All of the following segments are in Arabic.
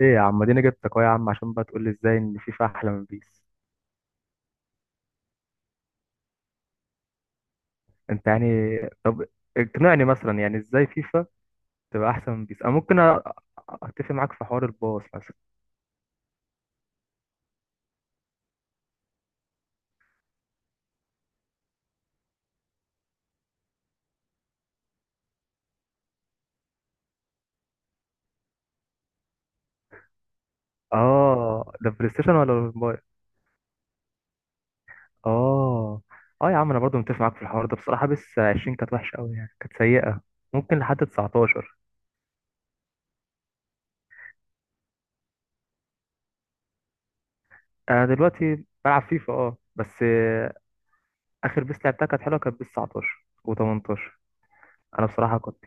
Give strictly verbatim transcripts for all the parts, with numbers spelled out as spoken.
ايه يا عم، اديني جبتك اهو يا عم عشان بقى تقول لي ازاي ان فيفا احلى من بيس. انت يعني. طب اقنعني مثلا يعني ازاي فيفا تبقى احسن من بيس. انا ممكن أ- اتفق معاك في حوار الباص مثلا. اه ده بلاي ستيشن ولا الموبايل؟ اه. اه يا عم انا برضو متفق معاك في الحوار ده، بصراحه بيس عشرين كانت وحشه قوي يعني كانت سيئه. ممكن لحد تسعتاشر. انا دلوقتي بلعب فيفا، اه بس آه، اخر بيس لعبتها كانت حلوه، كانت بيس تسعة عشر و18. انا بصراحه كنت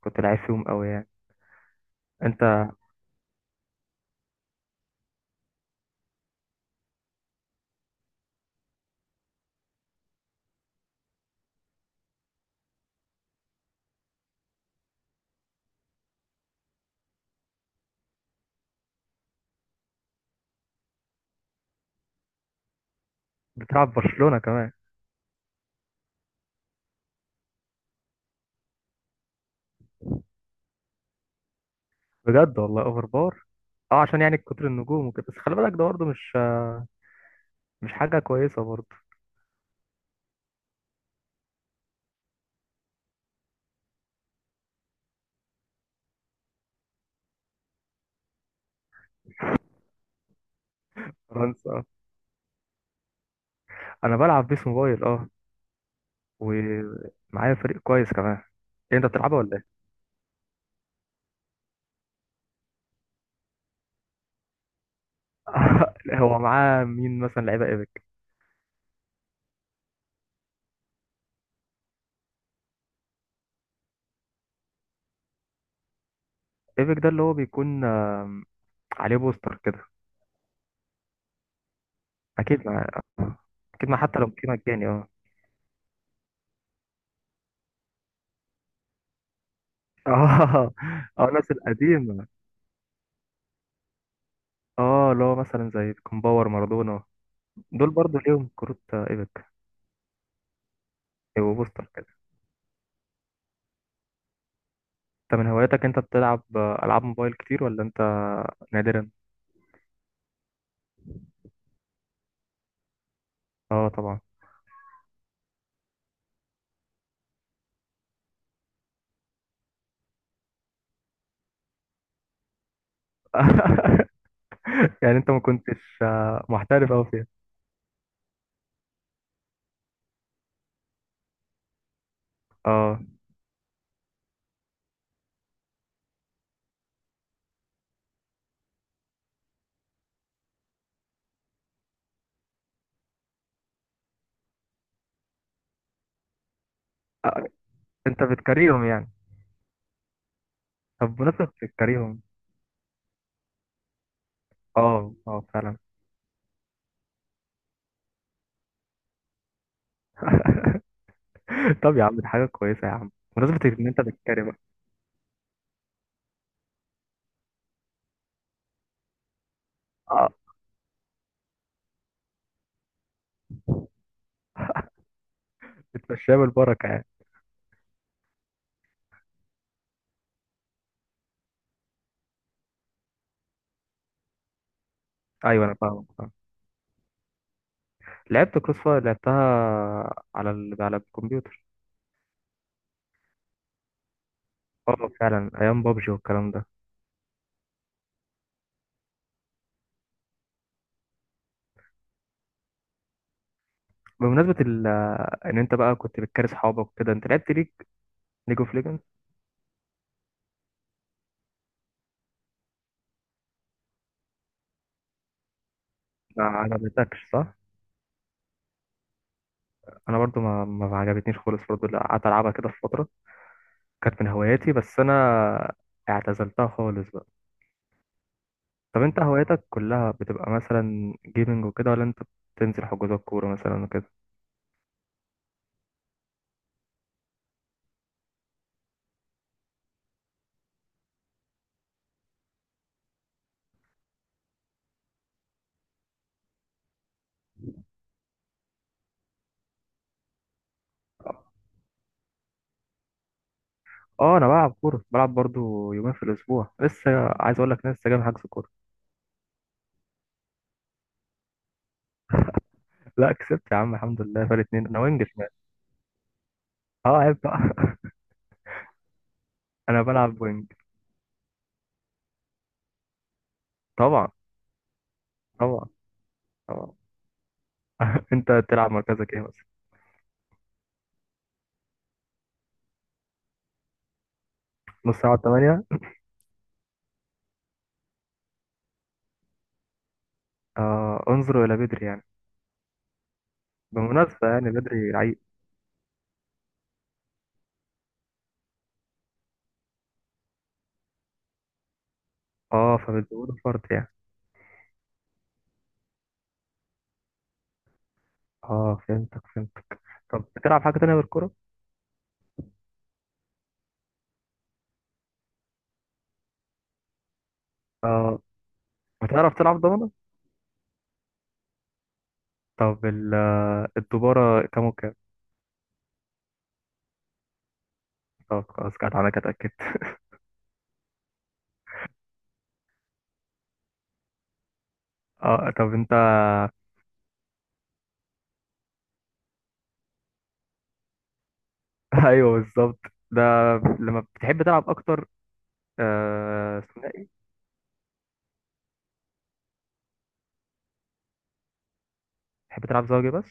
كنت لعيب فيهم قوي يعني. انت بتلعب في برشلونة كمان؟ بجد والله اوفر باور. اه، عشان يعني كتر النجوم وكده، بس خلي بالك ده برضه مش مش حاجة كويسة برضه. فرنسا. انا بلعب بيس موبايل اه ومعايا فريق كويس كمان. إيه، انت بتلعبه ولا ايه؟ هو معاه مين مثلا؟ لعيبة ايبك؟ ايبك ده اللي هو بيكون آم، عليه بوستر كده. اكيد مع اكيد ما، حتى لو كان مجاني، اه. اه اه، الناس القديمة اه اللي هو مثلا زي كومباور مارادونا، دول برضه ليهم كروت ايبك. وبوستر كده؟ انت من هواياتك انت بتلعب العاب موبايل كتير ولا انت نادرا؟ اه طبعا. يعني انت ما كنتش آه، محترف اوي فيها. اه، آه، انت بتكرههم يعني. طب بمناسبة بتكرههم. اه اه فعلا. طب يا عم دي حاجة كويسة يا عم. بمناسبة ان انت بتكره بقى. اه بتمشيها بالبركة يعني. ايوه انا فاهمك فاهم. لعبت كروس فاير، لعبتها على ال... على الكمبيوتر. اه فعلا، ايام بابجي والكلام ده. بمناسبة ال... ان انت بقى كنت بتكره اصحابك وكده، انت لعبت ليج ليج اوف. ما عجبتكش صح؟ انا برضو ما ما عجبتنيش خالص برضو، لا، قعدت العبها كده في فتره، كانت من هواياتي بس انا اعتزلتها خالص بقى. طب انت هواياتك كلها بتبقى مثلا جيمنج وكده، ولا انت بتنزل حجوزات كوره مثلا وكده؟ اه انا بلعب كوره، بلعب برضو يومين في الاسبوع، لسه عايز اقول لك لسه جاي من حجز كوره. لا كسبت يا عم الحمد لله، فرق اتنين، انا وينج شمال. اه، عيب بقى. انا بلعب وينج. طبعا. طبعا. طبعا. انت تلعب مركزك ايه مثلا؟ نص ساعه ثمانية. آه انظروا الى بدري يعني. بمناسبة يعني بدري لعيب. اه فبتزوده فرد يعني. اه فهمتك فهمتك. طب بتلعب حاجة تانية غير الكورة؟ اه بتعرف تلعب ضمانة؟ طب ال- الدبارة كام وكام؟ طب خلاص، كانت أنا كده اتأكدت. اه طب انت. ايوه بالظبط. ده لما بتحب تلعب اكتر. آه ثنائي. بتحب تلعب زوجي بس.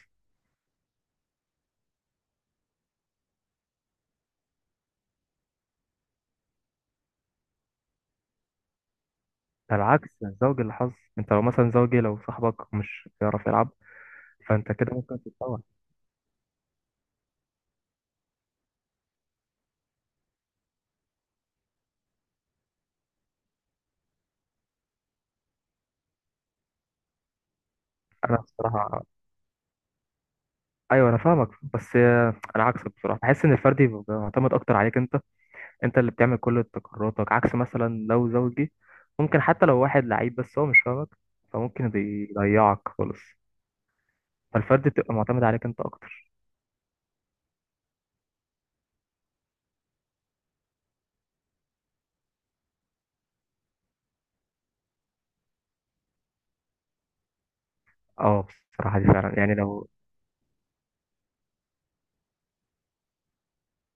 ده العكس، ده الزوجي اللي حظ، انت لو مثلا زوجي لو صاحبك مش بيعرف يلعب فانت كده ممكن تتطور. انا بصراحة، ايوه انا فاهمك، بس آه، انا عكسك بصراحه، بحس ان الفردي بيبقى معتمد اكتر عليك انت. انت اللي بتعمل كل قراراتك، عكس مثلا لو زوجي، ممكن حتى لو واحد لعيب بس هو مش فاهمك فممكن يضي- يضيعك خالص. فالفردي بتبقى معتمد عليك انت اكتر. اه بصراحه دي فعلا، يعني لو،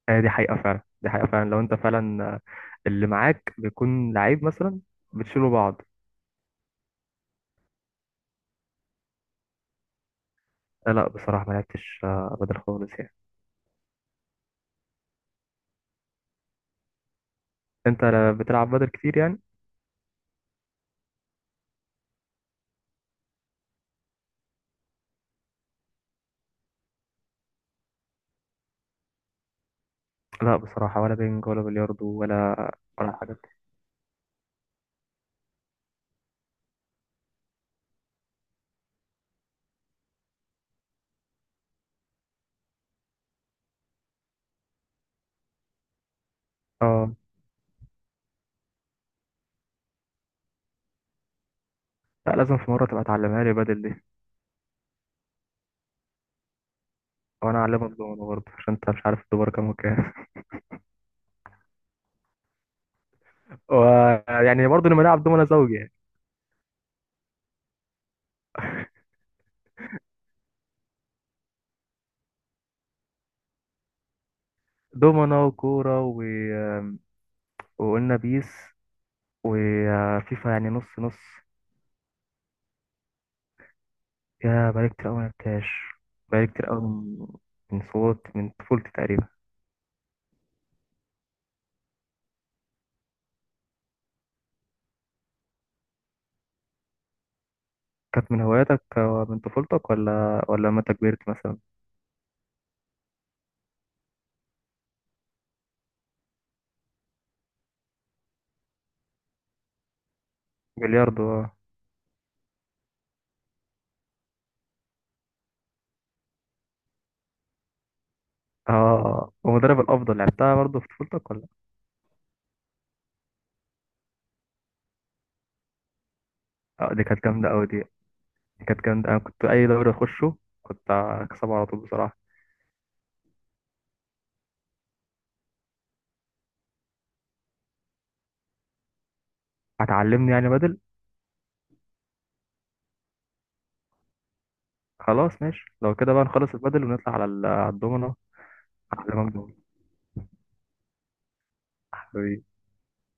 هي دي حقيقه فعلا، دي حقيقه فعلا لو انت فعلا آه، اللي معاك بيكون لعيب مثلا، بتشيلوا بعض. آه، لا بصراحه ما لعبتش آه، بدل خالص يعني. انت لا بتلعب بدل كتير يعني؟ لا بصراحه، ولا بينج ولا بلياردو ولا ولا حاجه. اه، لا لازم في مرة تبقى تعلمها لي بدل دي. وانا اعلمك دومنا برضه عشان انت مش عارف الدومنة كام وكام. ويعني برضه لما نلعب دومنا زوجي يعني. دومنا وكورة، و... آه، وقلنا بيس وفيفا يعني نص نص. يا بقالي كتير قوي ما لعبتهاش، بقالي كتير قوي من من صوت من طفولتي تقريبا. كانت من هواياتك آه، من طفولتك ولا ولا لما انت كبرت مثلا؟ بلياردو اه. آه، ومدرب الافضل لعبتها برضه في طفولتك ولا. آه، دي كانت جامدة قوي دي. كانت جامدة، أنا كنت أي دوري أخشه كنت أكسبه على طول بصراحة. هتعلمني يعني بدل. خلاص ماشي، لو كده بقى نخلص البدل ونطلع على ال- على الدومنة. أعلمك دومنة.